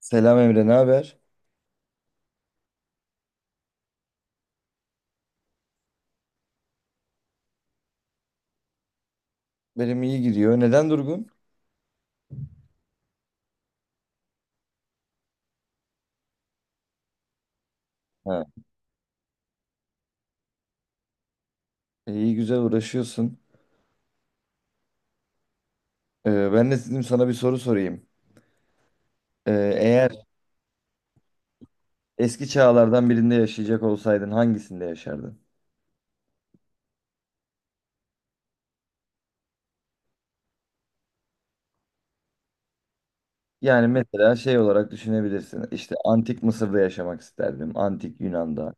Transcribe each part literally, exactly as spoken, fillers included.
Selam Emre, ne haber? Benim iyi gidiyor. Neden durgun? Ha. E, İyi güzel uğraşıyorsun. E, ben de dedim sana bir soru sorayım. E, eğer eski çağlardan birinde yaşayacak olsaydın hangisinde yaşardın? Yani mesela şey olarak düşünebilirsin. İşte antik Mısır'da yaşamak isterdim. Antik Yunan'da.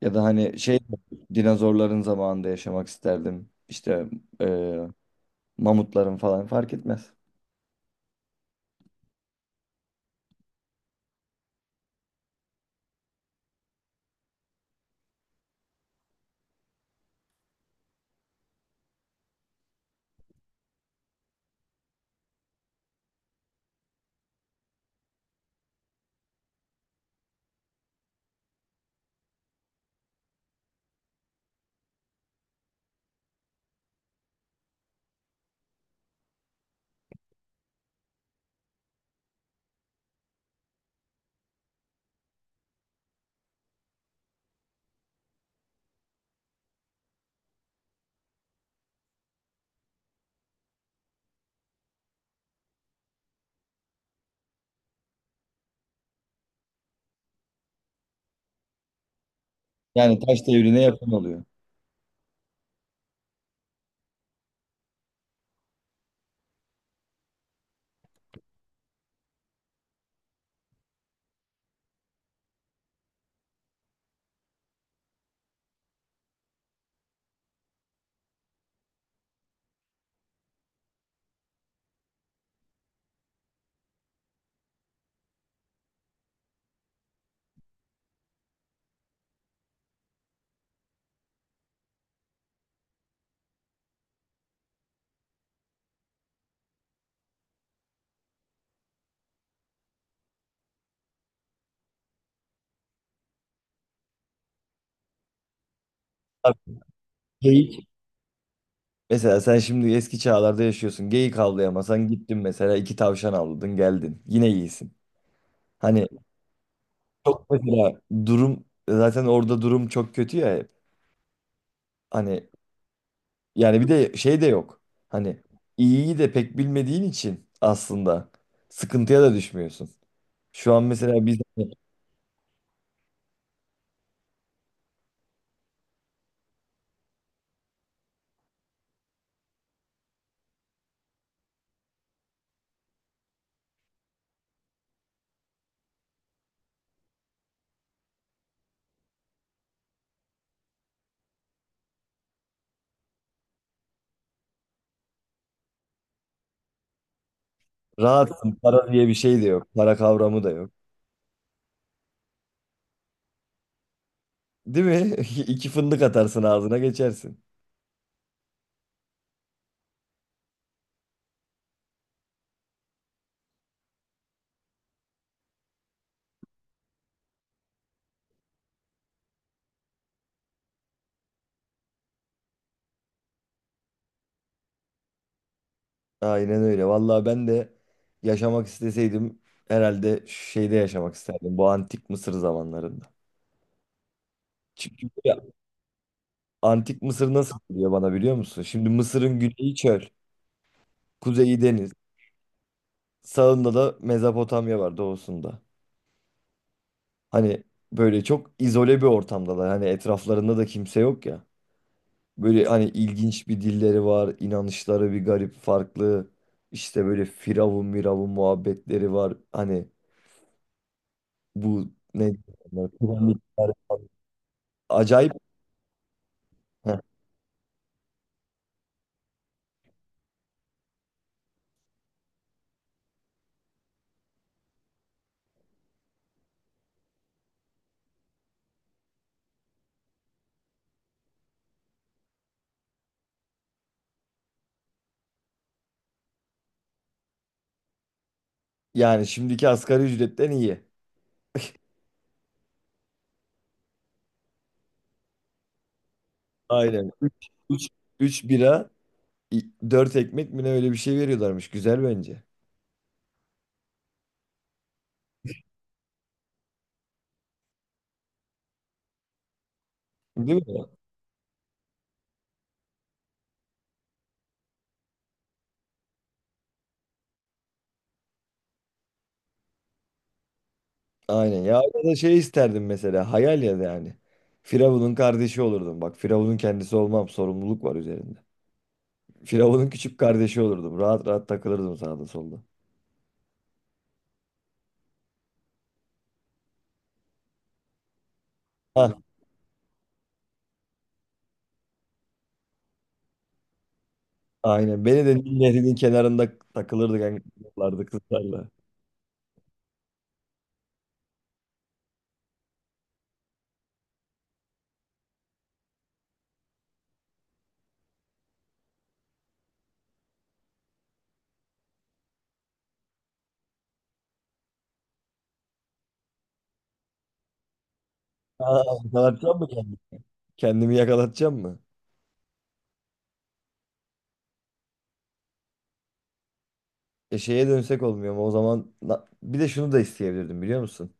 Ya da hani şey dinozorların zamanında yaşamak isterdim. İşte e, mamutların falan fark etmez. Yani taş devrine yakın oluyor. Tabii. Mesela sen şimdi eski çağlarda yaşıyorsun. Geyik avlayamasan gittin mesela iki tavşan avladın geldin. Yine iyisin. Hani çok mesela durum zaten orada durum çok kötü ya hep. Hani yani bir de şey de yok. Hani iyiyi de pek bilmediğin için aslında sıkıntıya da düşmüyorsun. Şu an mesela biz hani rahatsın, para diye bir şey de yok. Para kavramı da yok. Değil mi? İki fındık atarsın ağzına geçersin. Aynen öyle. Vallahi ben de yaşamak isteseydim herhalde şeyde yaşamak isterdim. Bu antik Mısır zamanlarında. Çünkü ya, antik Mısır nasıl diyor bana biliyor musun? Şimdi Mısır'ın güneyi çöl, kuzeyi deniz, sağında da Mezopotamya var doğusunda. Hani böyle çok izole bir ortamdalar. Hani etraflarında da kimse yok ya. Böyle hani ilginç bir dilleri var, inanışları bir garip farklı. İşte böyle firavun miravun muhabbetleri var. Hani bu ne onlar? Piramitler. Acayip. Heh. Yani şimdiki asgari ücretten iyi. Aynen. üç üç üç bira, dört ekmek mi ne öyle bir şey veriyorlarmış. Güzel bence. Değil mi? Aynen. Ya ya da şey isterdim mesela. Hayal ya da yani. Firavun'un kardeşi olurdum. Bak Firavun'un kendisi olmam. Sorumluluk var üzerinde. Firavun'un küçük kardeşi olurdum. Rahat rahat takılırdım sağda solda. Hah, aynen. Beni de Nil Nehri'nin kenarında takılırdık. Yani, kızlarla. Kızlarla. Aa, yakalatacağım mı kendimi? Kendimi yakalatacağım mı? E şeye dönsek olmuyor mu? O zaman na- bir de şunu da isteyebilirdim biliyor musun?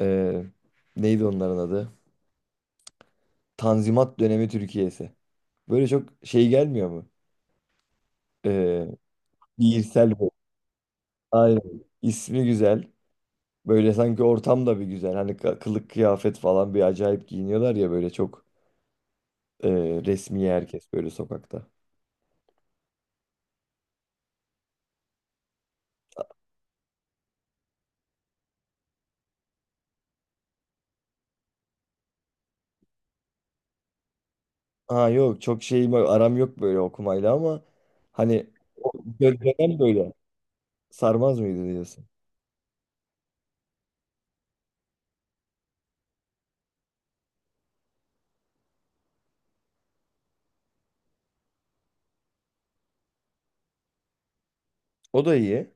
Ee, neydi onların adı? Tanzimat dönemi Türkiye'si. Böyle çok şey gelmiyor mu? Ee, şiirsel bir. Aynen. İsmi güzel. Böyle sanki ortam da bir güzel. Hani ka- kılık kıyafet falan bir acayip giyiniyorlar ya, böyle çok e, resmi herkes böyle sokakta. Ha yok, çok şeyim, aram yok böyle okumayla ama hani o dö- dönem böyle sarmaz mıydı diyorsun? O da iyi.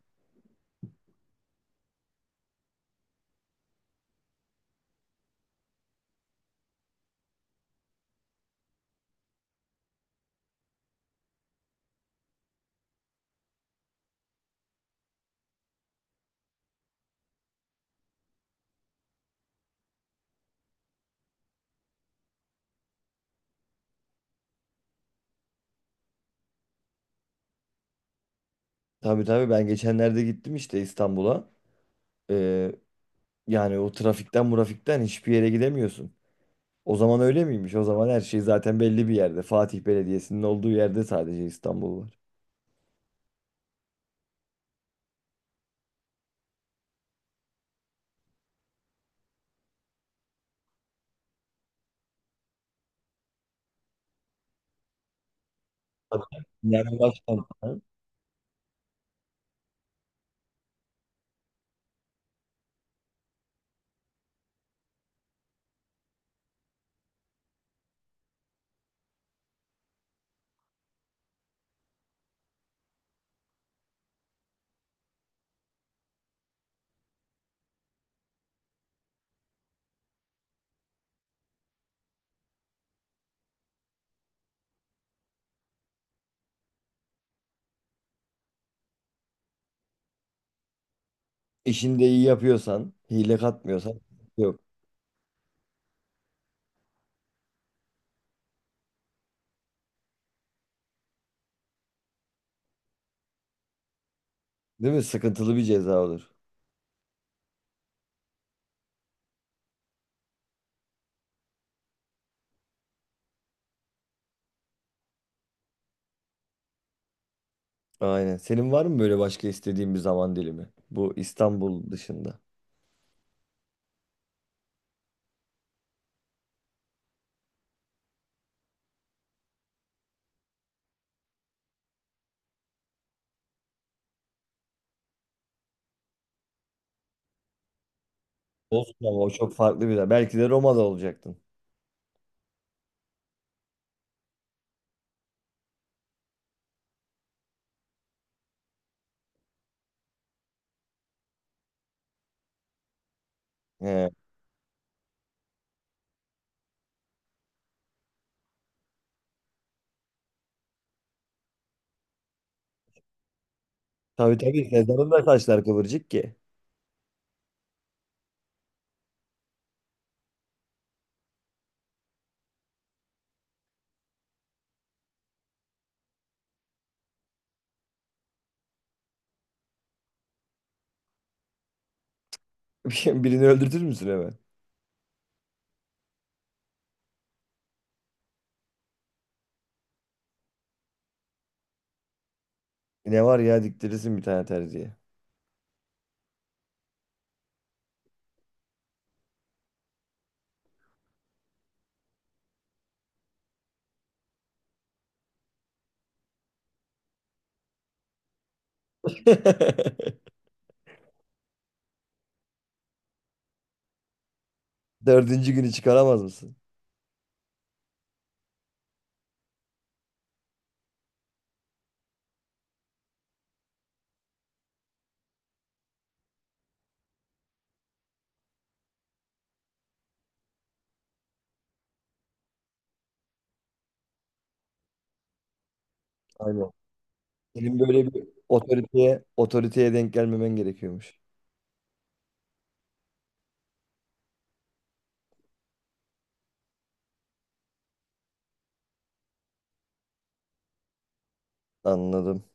Tabii tabii, ben geçenlerde gittim işte İstanbul'a. Ee, yani o trafikten murafikten hiçbir yere gidemiyorsun. O zaman öyle miymiş? O zaman her şey zaten belli bir yerde. Fatih Belediyesi'nin olduğu yerde sadece İstanbul var. Tabii. Yani başkentsen, işini de iyi yapıyorsan, hile katmıyorsan yok. Değil mi? Sıkıntılı bir ceza olur. Aynen. Senin var mı böyle başka istediğin bir zaman dilimi? Bu İstanbul dışında. Olsun ama o çok farklı bir yer. Belki de Roma'da olacaktın. He. Tabii tabii, Sezar'ın da saçlar kıvırcık ki. Birini öldürtür müsün hemen? Ne var ya, diktirirsin bir tane terziye. Dördüncü günü çıkaramaz mısın? Aynen. Senin böyle bir otoriteye, otoriteye denk gelmemen gerekiyormuş. Anladım.